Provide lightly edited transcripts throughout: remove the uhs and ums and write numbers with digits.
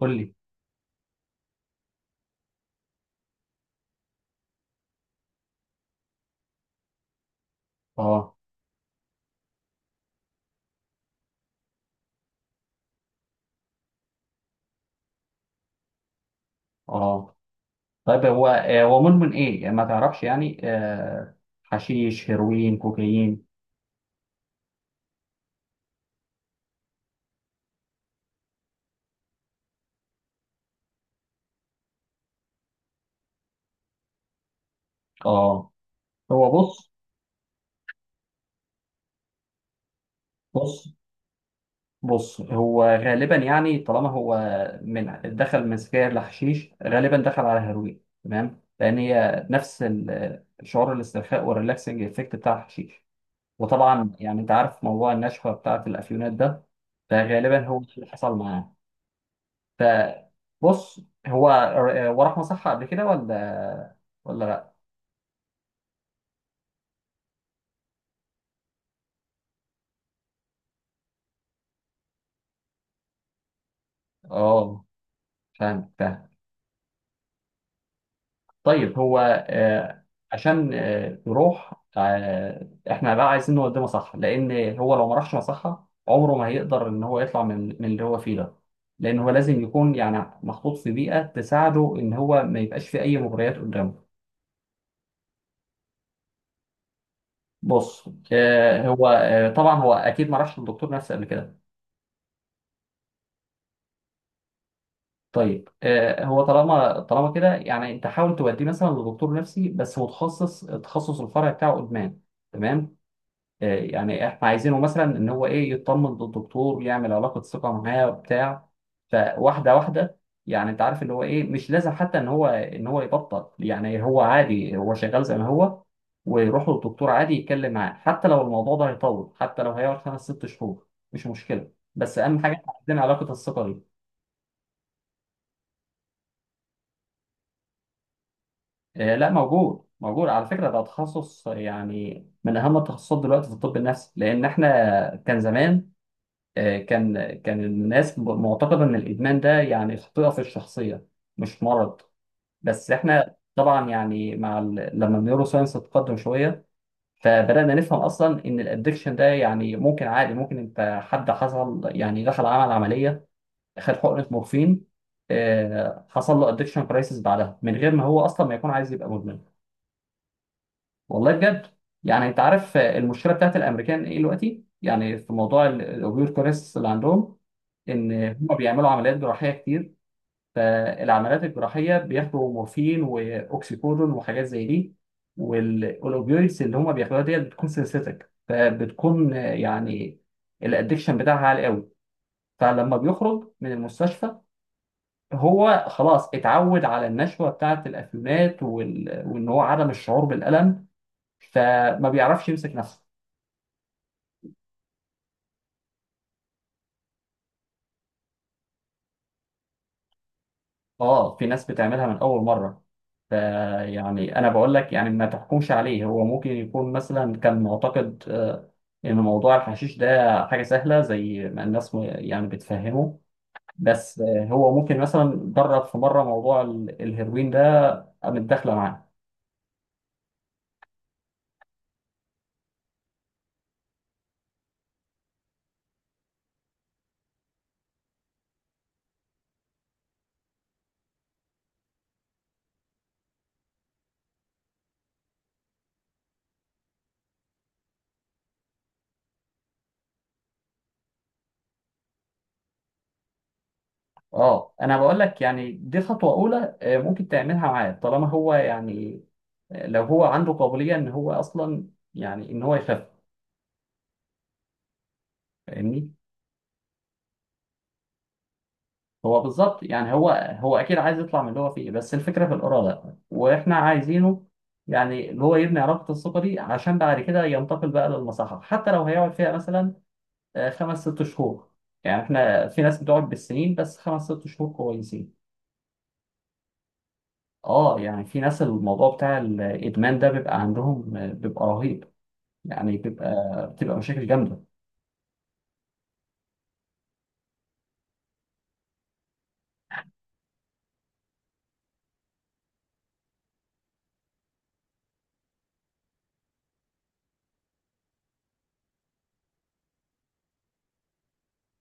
قول لي. اه. اه. طيب هو مدمن ايه؟ يعني ما تعرفش. يعني حشيش، هيروين، كوكايين؟ اه. هو بص. بص بص هو غالبا، يعني طالما هو من دخل من سجاير لحشيش غالبا دخل على هيروين، تمام، لان هي نفس شعور الاسترخاء والريلاكسنج افكت بتاع الحشيش. وطبعا يعني انت عارف موضوع النشوه بتاعه الافيونات ده. فغالبا هو اللي حصل معاه. فبص. هو وراح مصحة قبل كده ولا لا؟ اه، فاهم فاهم. طيب هو آه، عشان يروح احنا بقى عايزين نوديه مصحة، لأن هو لو ما راحش مصحة عمره ما هيقدر إن هو يطلع من اللي هو فيه ده. لأن هو لازم يكون يعني محطوط في بيئة تساعده إن هو ما يبقاش في أي مغريات قدامه. بص هو طبعا هو أكيد ما راحش للدكتور نفسي قبل كده. طيب هو طالما كده، يعني انت حاول توديه مثلا لدكتور نفسي بس متخصص، تخصص الفرع بتاعه ادمان، تمام. يعني احنا عايزينه مثلا ان هو ايه، يطمن للدكتور، يعمل علاقه ثقه معاه وبتاع. فواحده واحده. يعني انت عارف اللي هو ايه، مش لازم حتى ان هو يبطل، يعني هو عادي هو شغال زي ما هو، ويروح للدكتور عادي يتكلم معاه. حتى لو الموضوع ده هيطول، حتى لو هيقعد خمس ست شهور، مش مشكله. بس اهم حاجه إحنا عايزين علاقه الثقه دي. لا، موجود موجود على فكرة. ده تخصص يعني من أهم التخصصات دلوقتي في الطب النفسي، لأن إحنا كان زمان، كان الناس معتقدة إن الإدمان ده يعني خطيئة في الشخصية، مش مرض. بس إحنا طبعا يعني مع لما النيورو ساينس تقدم شوية، فبدأنا نفهم أصلا إن الأدكشن ده يعني ممكن عادي، ممكن أنت حد حصل يعني دخل عمل عملية، خد حقنة مورفين، حصل له أدكشن كرايسيس بعدها من غير ما هو أصلا ما يكون عايز يبقى مدمن. والله بجد. يعني انت عارف المشكله بتاعت الامريكان ايه دلوقتي، يعني في موضوع الاوبير كوريس اللي عندهم، ان هم بيعملوا عمليات جراحيه كتير. فالعمليات الجراحيه بياخدوا مورفين واوكسيكودون وحاجات زي دي، والاوبيويدز اللي هم بياخدوها ديت بتكون سينثيتك، فبتكون يعني الادكشن بتاعها عالي قوي. فلما بيخرج من المستشفى، هو خلاص اتعود على النشوه بتاعت الافيونات وان هو عدم الشعور بالالم، فما بيعرفش يمسك نفسه. اه، في ناس بتعملها من اول مره. فيعني انا بقول لك، يعني ما تحكمش عليه. هو ممكن يكون مثلا كان معتقد ان موضوع الحشيش ده حاجه سهله زي ما الناس يعني بتفهمه. بس هو ممكن مثلا جرب في مره موضوع الهيروين ده متداخله معاه. اه، انا بقول لك، يعني دي خطوه اولى ممكن تعملها معاه، طالما هو يعني لو هو عنده قابليه ان هو اصلا، يعني ان هو يخف. فاهمني. هو بالظبط، يعني هو اكيد عايز يطلع من اللي هو فيه، بس الفكره في الاراده، واحنا عايزينه يعني اللي هو يبني علاقه الثقه دي عشان بعد كده ينتقل بقى للمصحه، حتى لو هيقعد فيها مثلا خمس ست شهور. يعني احنا في ناس بتقعد بالسنين، بس خمس ست شهور كويسين. اه، يعني في ناس الموضوع بتاع الادمان ده بيبقى عندهم بيبقى رهيب، يعني بيبقى، بتبقى مشاكل جامده.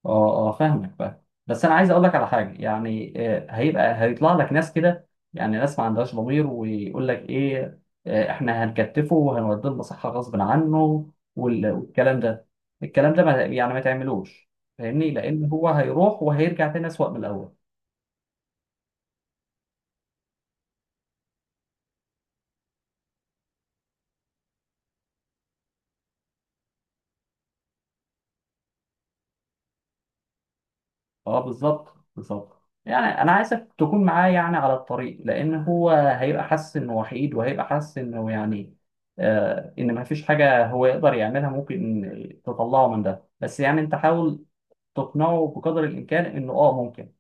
اه. اه، فاهمك فاهم. بس انا عايز اقول لك على حاجه، يعني هيبقى هيطلع لك ناس كده، يعني ناس ما عندهاش ضمير، ويقول لك ايه احنا هنكتفه وهنوديه المصحه غصب عنه والكلام ده. الكلام ده ما يعني ما تعملوش، فاهمني. لان هو هيروح وهيرجع تاني اسوأ من الاول. اه، بالظبط بالظبط. يعني انا عايزك تكون معاه يعني على الطريق، لان هو هيبقى حاسس انه وحيد، وهيبقى حاسس انه يعني ان ما فيش حاجه هو يقدر يعملها ممكن تطلعه من ده. بس يعني انت حاول تقنعه بقدر الامكان انه ممكن.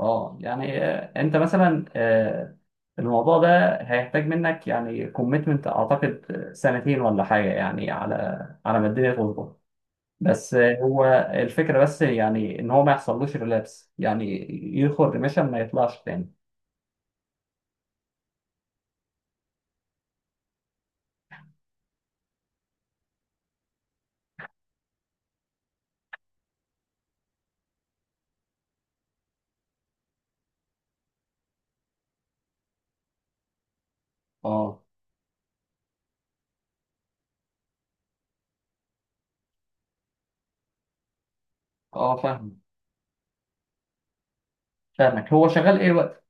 اه، يعني انت مثلا، الموضوع ده هيحتاج منك يعني كوميتمنت، اعتقد سنتين ولا حاجه، يعني على على ما الدنيا تظبط. بس هو الفكرة بس يعني إن هو ما يحصلوش ريلابس، يعني يدخل ريميشن ما يطلعش تاني. اه. اه، فاهم فاهمك. هو شغال إيه وقت؟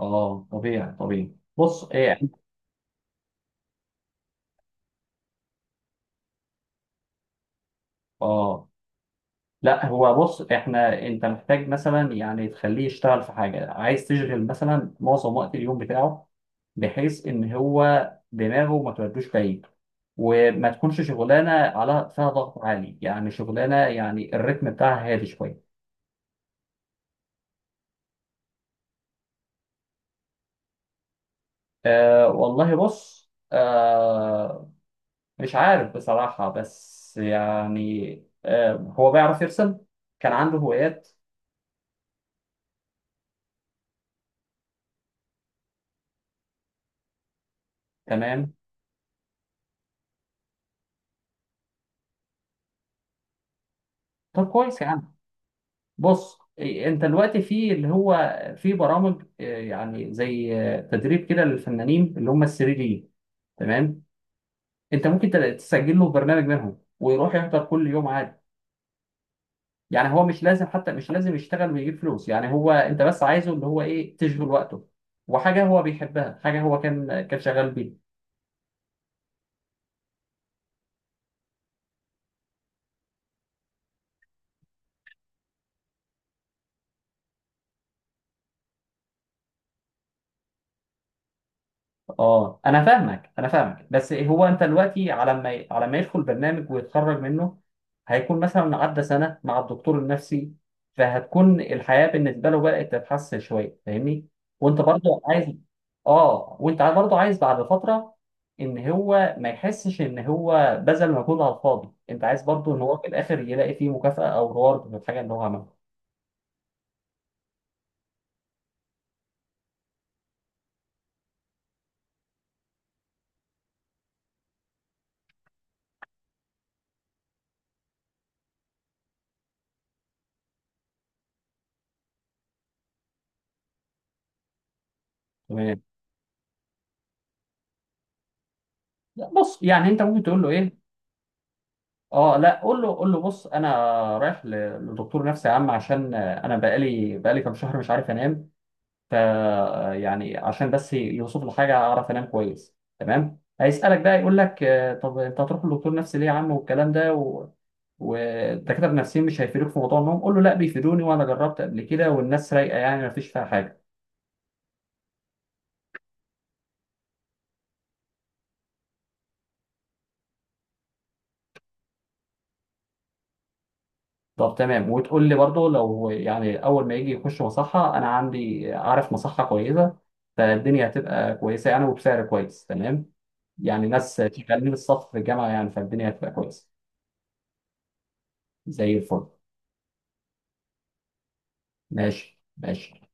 اه، طبيعي طبيعي. بص إيه. اه، لا هو بص. إحنا أنت محتاج مثلا يعني تخليه يشتغل في حاجة، عايز تشغل مثلا معظم وقت اليوم بتاعه بحيث إن هو دماغه ما تودوش بعيد، وما تكونش شغلانة على فيها ضغط عالي، يعني شغلانة يعني الريتم بتاعها هادي شوية. أه، والله بص. أه، مش عارف بصراحة، بس يعني أه هو بيعرف يرسم، كان عنده هوايات. تمام. طب كويس يا عم. بص إيه، انت دلوقتي في اللي هو في برامج يعني زي تدريب كده للفنانين اللي هم ال 3 دي، تمام. انت ممكن تسجل له برنامج منهم، ويروح يحضر كل يوم عادي. يعني هو مش لازم، حتى مش لازم يشتغل ويجيب فلوس. يعني هو انت بس عايزه اللي هو ايه، تشغل وقته وحاجه هو بيحبها، حاجه هو كان شغال بيها. اه، انا فاهمك انا فاهمك. بس هو انت دلوقتي على ما على ما يدخل برنامج ويتخرج منه، هيكون مثلا عدى سنه مع الدكتور النفسي، فهتكون الحياه بالنسبه له بدات تتحسن شويه، فاهمني. وانت برضو عايز. اه، وانت برضو عايز بعد فتره ان هو ما يحسش ان هو بذل مجهود على الفاضي، انت عايز برضو ان هو في الاخر يلاقي فيه مكافاه او رeward في الحاجه اللي هو عملها. تمام. لا، بص، يعني انت ممكن تقول له ايه. اه لا، قول له قول له بص، انا رايح لدكتور نفسي يا عم، عشان انا بقالي كام شهر مش عارف انام، ف يعني عشان بس يوصف لي حاجه اعرف انام كويس، تمام. هيسالك بقى يقول لك طب انت هتروح لدكتور نفسي ليه يا عم، والكلام ده والدكاتره النفسيين مش هيفيدوك في موضوع النوم. قول له لا، بيفيدوني، وانا جربت قبل كده، والناس رايقه، يعني ما فيش فيها حاجه. طب تمام. وتقول لي برضه لو يعني اول ما يجي يخش مصحة، انا عندي، عارف مصحة كويسة، فالدنيا هتبقى كويسة يعني، وبسعر كويس، تمام. يعني ناس شغالين الصف في الجامعة يعني، فالدنيا هتبقى كويسة. زي الفل. ماشي ماشي.